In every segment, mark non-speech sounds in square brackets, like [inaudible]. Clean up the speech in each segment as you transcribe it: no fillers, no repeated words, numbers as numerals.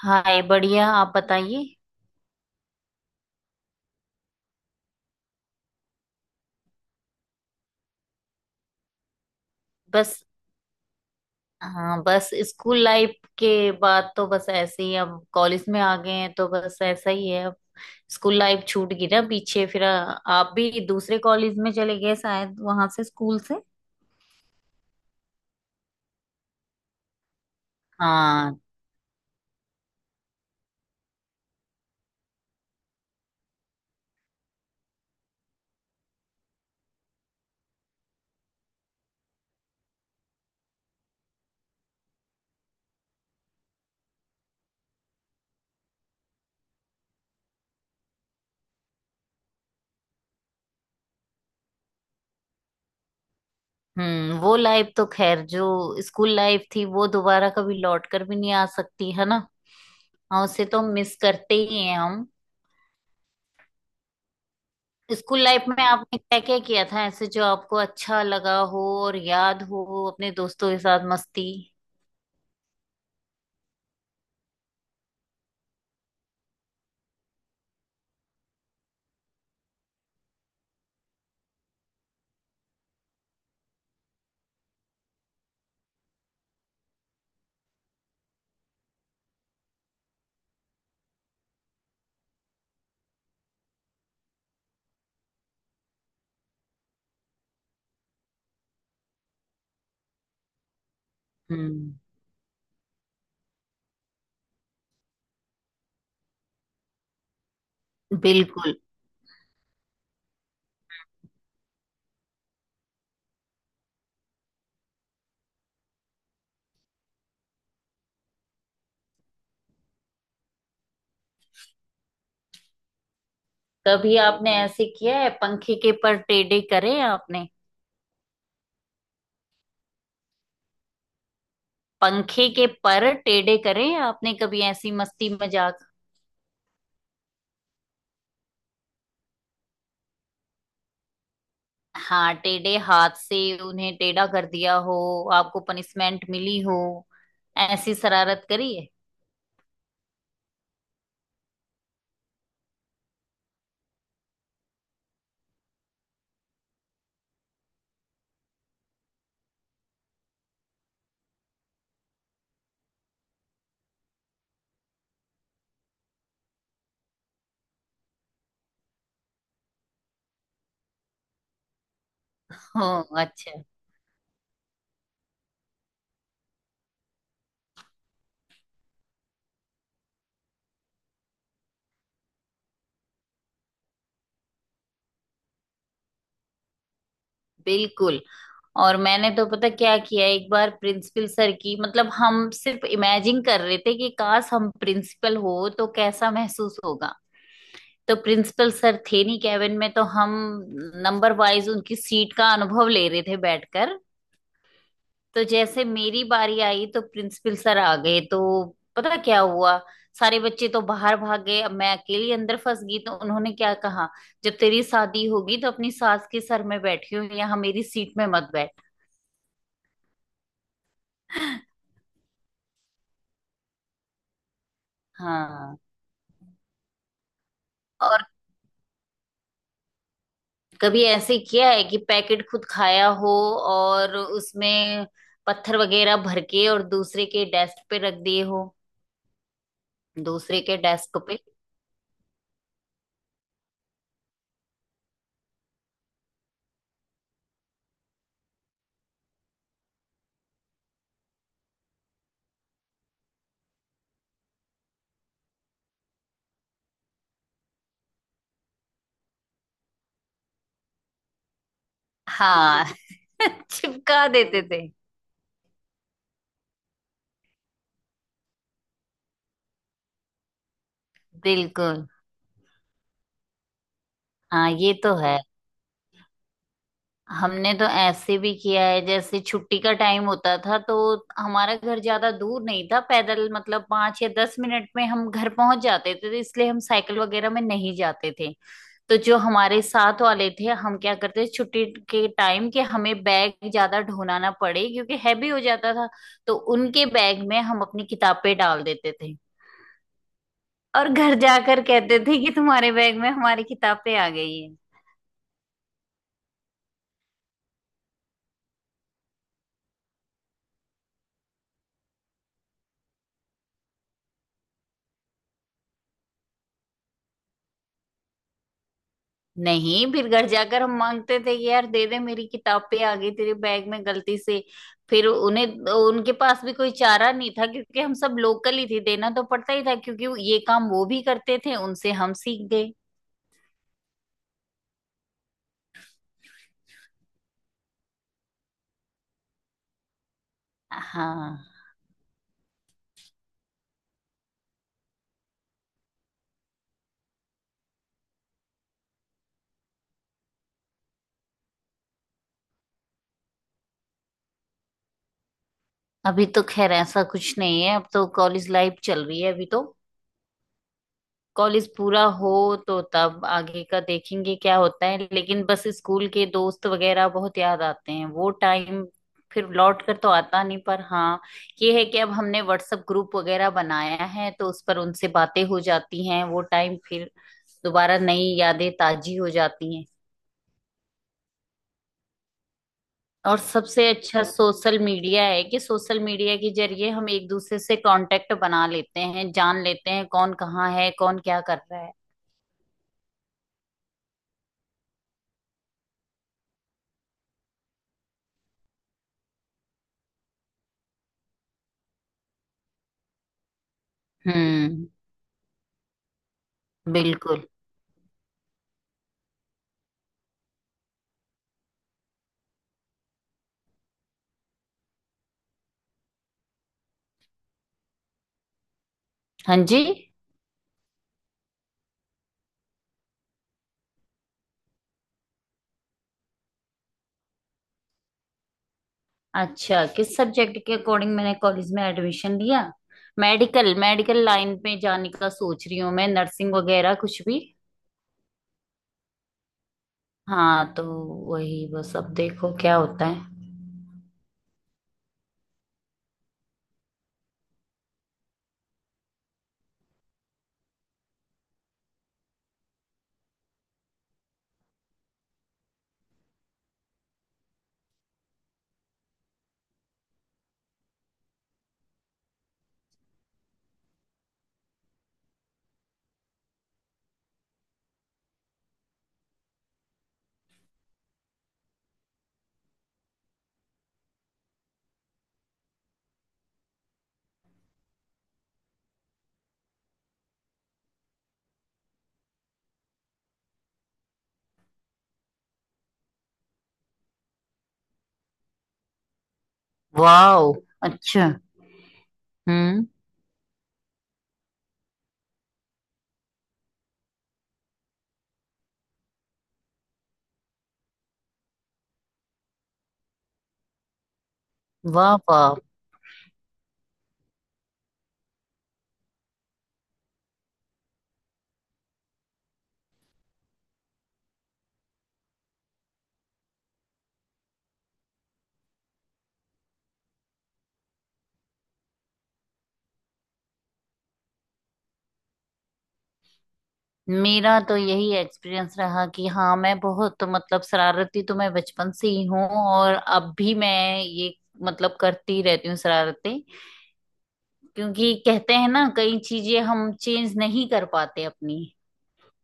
हाय, बढ़िया। आप बताइए। बस। हाँ, बस स्कूल लाइफ के बाद तो बस ऐसे ही, अब कॉलेज में आ गए हैं तो बस ऐसा ही है अब। स्कूल लाइफ छूट गई ना पीछे, फिर आप भी दूसरे कॉलेज में चले गए शायद वहां से, स्कूल से। हाँ। वो लाइफ तो खैर, जो स्कूल लाइफ थी वो दोबारा कभी लौट कर भी नहीं आ सकती है ना। हाँ, उसे तो मिस करते ही हैं हम। स्कूल लाइफ में आपने क्या क्या किया था ऐसे जो आपको अच्छा लगा हो और याद हो, अपने दोस्तों के साथ मस्ती। हम्म। बिल्कुल। कभी आपने ऐसे किया है, पंखे के पर टेढ़े करे आपने? पंखे के पर टेढ़े करे आपने? कभी ऐसी मस्ती मजाक? हाँ, टेढ़े हाथ से उन्हें टेढ़ा कर दिया हो, आपको पनिशमेंट मिली हो, ऐसी शरारत करी है। हो। अच्छा। बिल्कुल। और मैंने तो पता क्या किया, एक बार प्रिंसिपल सर की, मतलब हम सिर्फ इमेजिन कर रहे थे कि काश हम प्रिंसिपल हो तो कैसा महसूस होगा। तो प्रिंसिपल सर थे नहीं कैबिन में, तो हम नंबर वाइज उनकी सीट का अनुभव ले रहे थे बैठकर। तो जैसे मेरी बारी आई तो प्रिंसिपल सर आ गए। तो पता क्या हुआ, सारे बच्चे तो बाहर भाग गए, अब मैं अकेली अंदर फंस गई। तो उन्होंने क्या कहा, जब तेरी शादी होगी तो अपनी सास के सर में बैठी हो, यहाँ मेरी सीट में मत बैठ। हाँ। और कभी ऐसे किया है कि पैकेट खुद खाया हो और उसमें पत्थर वगैरह भर के और दूसरे के डेस्क पे रख दिए हो? दूसरे के डेस्क पे। हाँ। [laughs] चिपका देते थे। बिल्कुल। हाँ, ये तो है। हमने तो ऐसे भी किया है, जैसे छुट्टी का टाइम होता था तो हमारा घर ज्यादा दूर नहीं था, पैदल मतलब 5 या 10 मिनट में हम घर पहुंच जाते थे, तो इसलिए हम साइकिल वगैरह में नहीं जाते थे। तो जो हमारे साथ वाले थे, हम क्या करते छुट्टी के टाइम के, हमें बैग ज्यादा ढोना ना पड़े क्योंकि हैवी हो जाता था, तो उनके बैग में हम अपनी किताबें डाल देते थे और घर जाकर कहते थे कि तुम्हारे बैग में हमारी किताबें आ गई है। नहीं, फिर घर जाकर हम मांगते थे कि यार दे दे, मेरी किताबें आ गई तेरे बैग में गलती से। फिर उन्हें, उनके पास भी कोई चारा नहीं था क्योंकि हम सब लोकल ही थे, देना तो पड़ता ही था, क्योंकि ये काम वो भी करते थे, उनसे हम सीख गए। हाँ। अभी तो खैर ऐसा कुछ नहीं है, अब तो कॉलेज लाइफ चल रही है अभी तो। कॉलेज पूरा हो तो तब आगे का देखेंगे क्या होता है, लेकिन बस स्कूल के दोस्त वगैरह बहुत याद आते हैं, वो टाइम फिर लौट कर तो आता नहीं, पर हाँ ये है कि अब हमने व्हाट्सएप ग्रुप वगैरह बनाया है तो उस पर उनसे बातें हो जाती हैं, वो टाइम फिर दोबारा नई यादें ताजी हो जाती हैं। और सबसे अच्छा सोशल मीडिया है कि सोशल मीडिया के जरिए हम एक दूसरे से कांटेक्ट बना लेते हैं, जान लेते हैं कौन कहाँ है, कौन क्या कर रहा है। हम्म। बिल्कुल। हाँ जी। अच्छा, किस सब्जेक्ट के अकॉर्डिंग मैंने कॉलेज में एडमिशन लिया। मेडिकल, मेडिकल लाइन में जाने का सोच रही हूँ मैं, नर्सिंग वगैरह कुछ भी। हाँ, तो वही, बस अब देखो क्या होता है। वाह। अच्छा। हम्म। वाह वाह। मेरा तो यही एक्सपीरियंस रहा कि हाँ, मैं बहुत मतलब शरारती तो मैं बचपन से ही हूँ और अब भी मैं ये मतलब करती रहती हूँ शरारतें, क्योंकि कहते हैं ना कई चीजें हम चेंज नहीं कर पाते अपनी,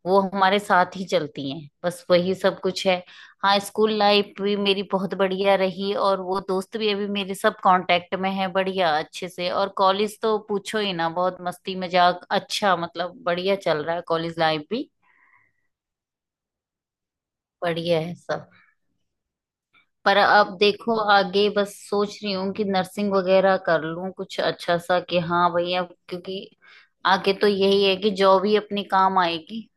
वो हमारे साथ ही चलती हैं, बस वही सब कुछ है। हाँ, स्कूल लाइफ भी मेरी बहुत बढ़िया रही और वो दोस्त भी अभी मेरे सब कांटेक्ट में है बढ़िया, अच्छे से। और कॉलेज तो पूछो ही ना, बहुत मस्ती मजाक, अच्छा मतलब बढ़िया चल रहा है कॉलेज लाइफ भी। बढ़िया है सब। पर अब देखो आगे बस सोच रही हूँ कि नर्सिंग वगैरह कर लूँ कुछ अच्छा सा, कि हाँ भैया, क्योंकि आगे तो यही है कि जॉब ही अपने काम आएगी।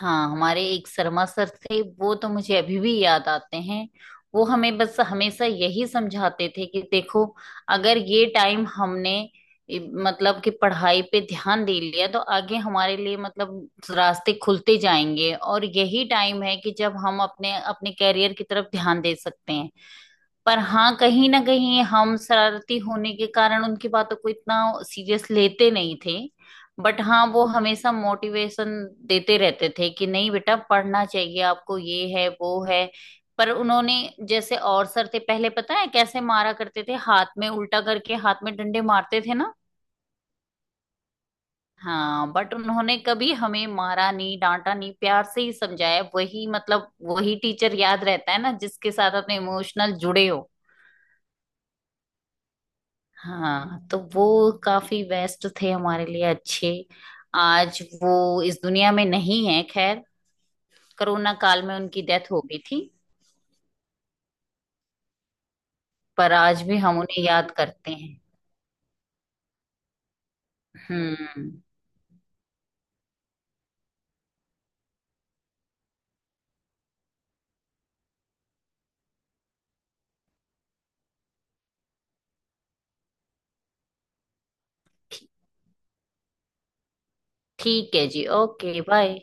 हाँ, हमारे एक शर्मा सर थे, वो तो मुझे अभी भी याद आते हैं। वो हमें बस हमेशा यही समझाते थे कि देखो, अगर ये टाइम हमने इ- मतलब कि पढ़ाई पे ध्यान दे लिया तो आगे हमारे लिए, मतलब रास्ते खुलते जाएंगे और यही टाइम है कि जब हम अपने अपने कैरियर की तरफ ध्यान दे सकते हैं। पर हाँ, कहीं ना कहीं हम शरारती होने के कारण उनकी बातों को इतना सीरियस लेते नहीं थे। बट हाँ, वो हमेशा मोटिवेशन देते रहते थे कि नहीं बेटा, पढ़ना चाहिए आपको, ये है वो है। पर उन्होंने, जैसे और सर थे पहले पता है कैसे मारा करते थे, हाथ में उल्टा करके हाथ में डंडे मारते थे ना। हाँ, बट उन्होंने कभी हमें मारा नहीं, डांटा नहीं, प्यार से ही समझाया, वही मतलब वही टीचर याद रहता है ना जिसके साथ अपने इमोशनल जुड़े हो। हाँ, तो वो काफी बेस्ट थे हमारे लिए, अच्छे। आज वो इस दुनिया में नहीं है, खैर कोरोना काल में उनकी डेथ हो गई थी। पर आज भी हम उन्हें याद करते हैं। हम्म। ठी- ठीक है जी, ओके बाय।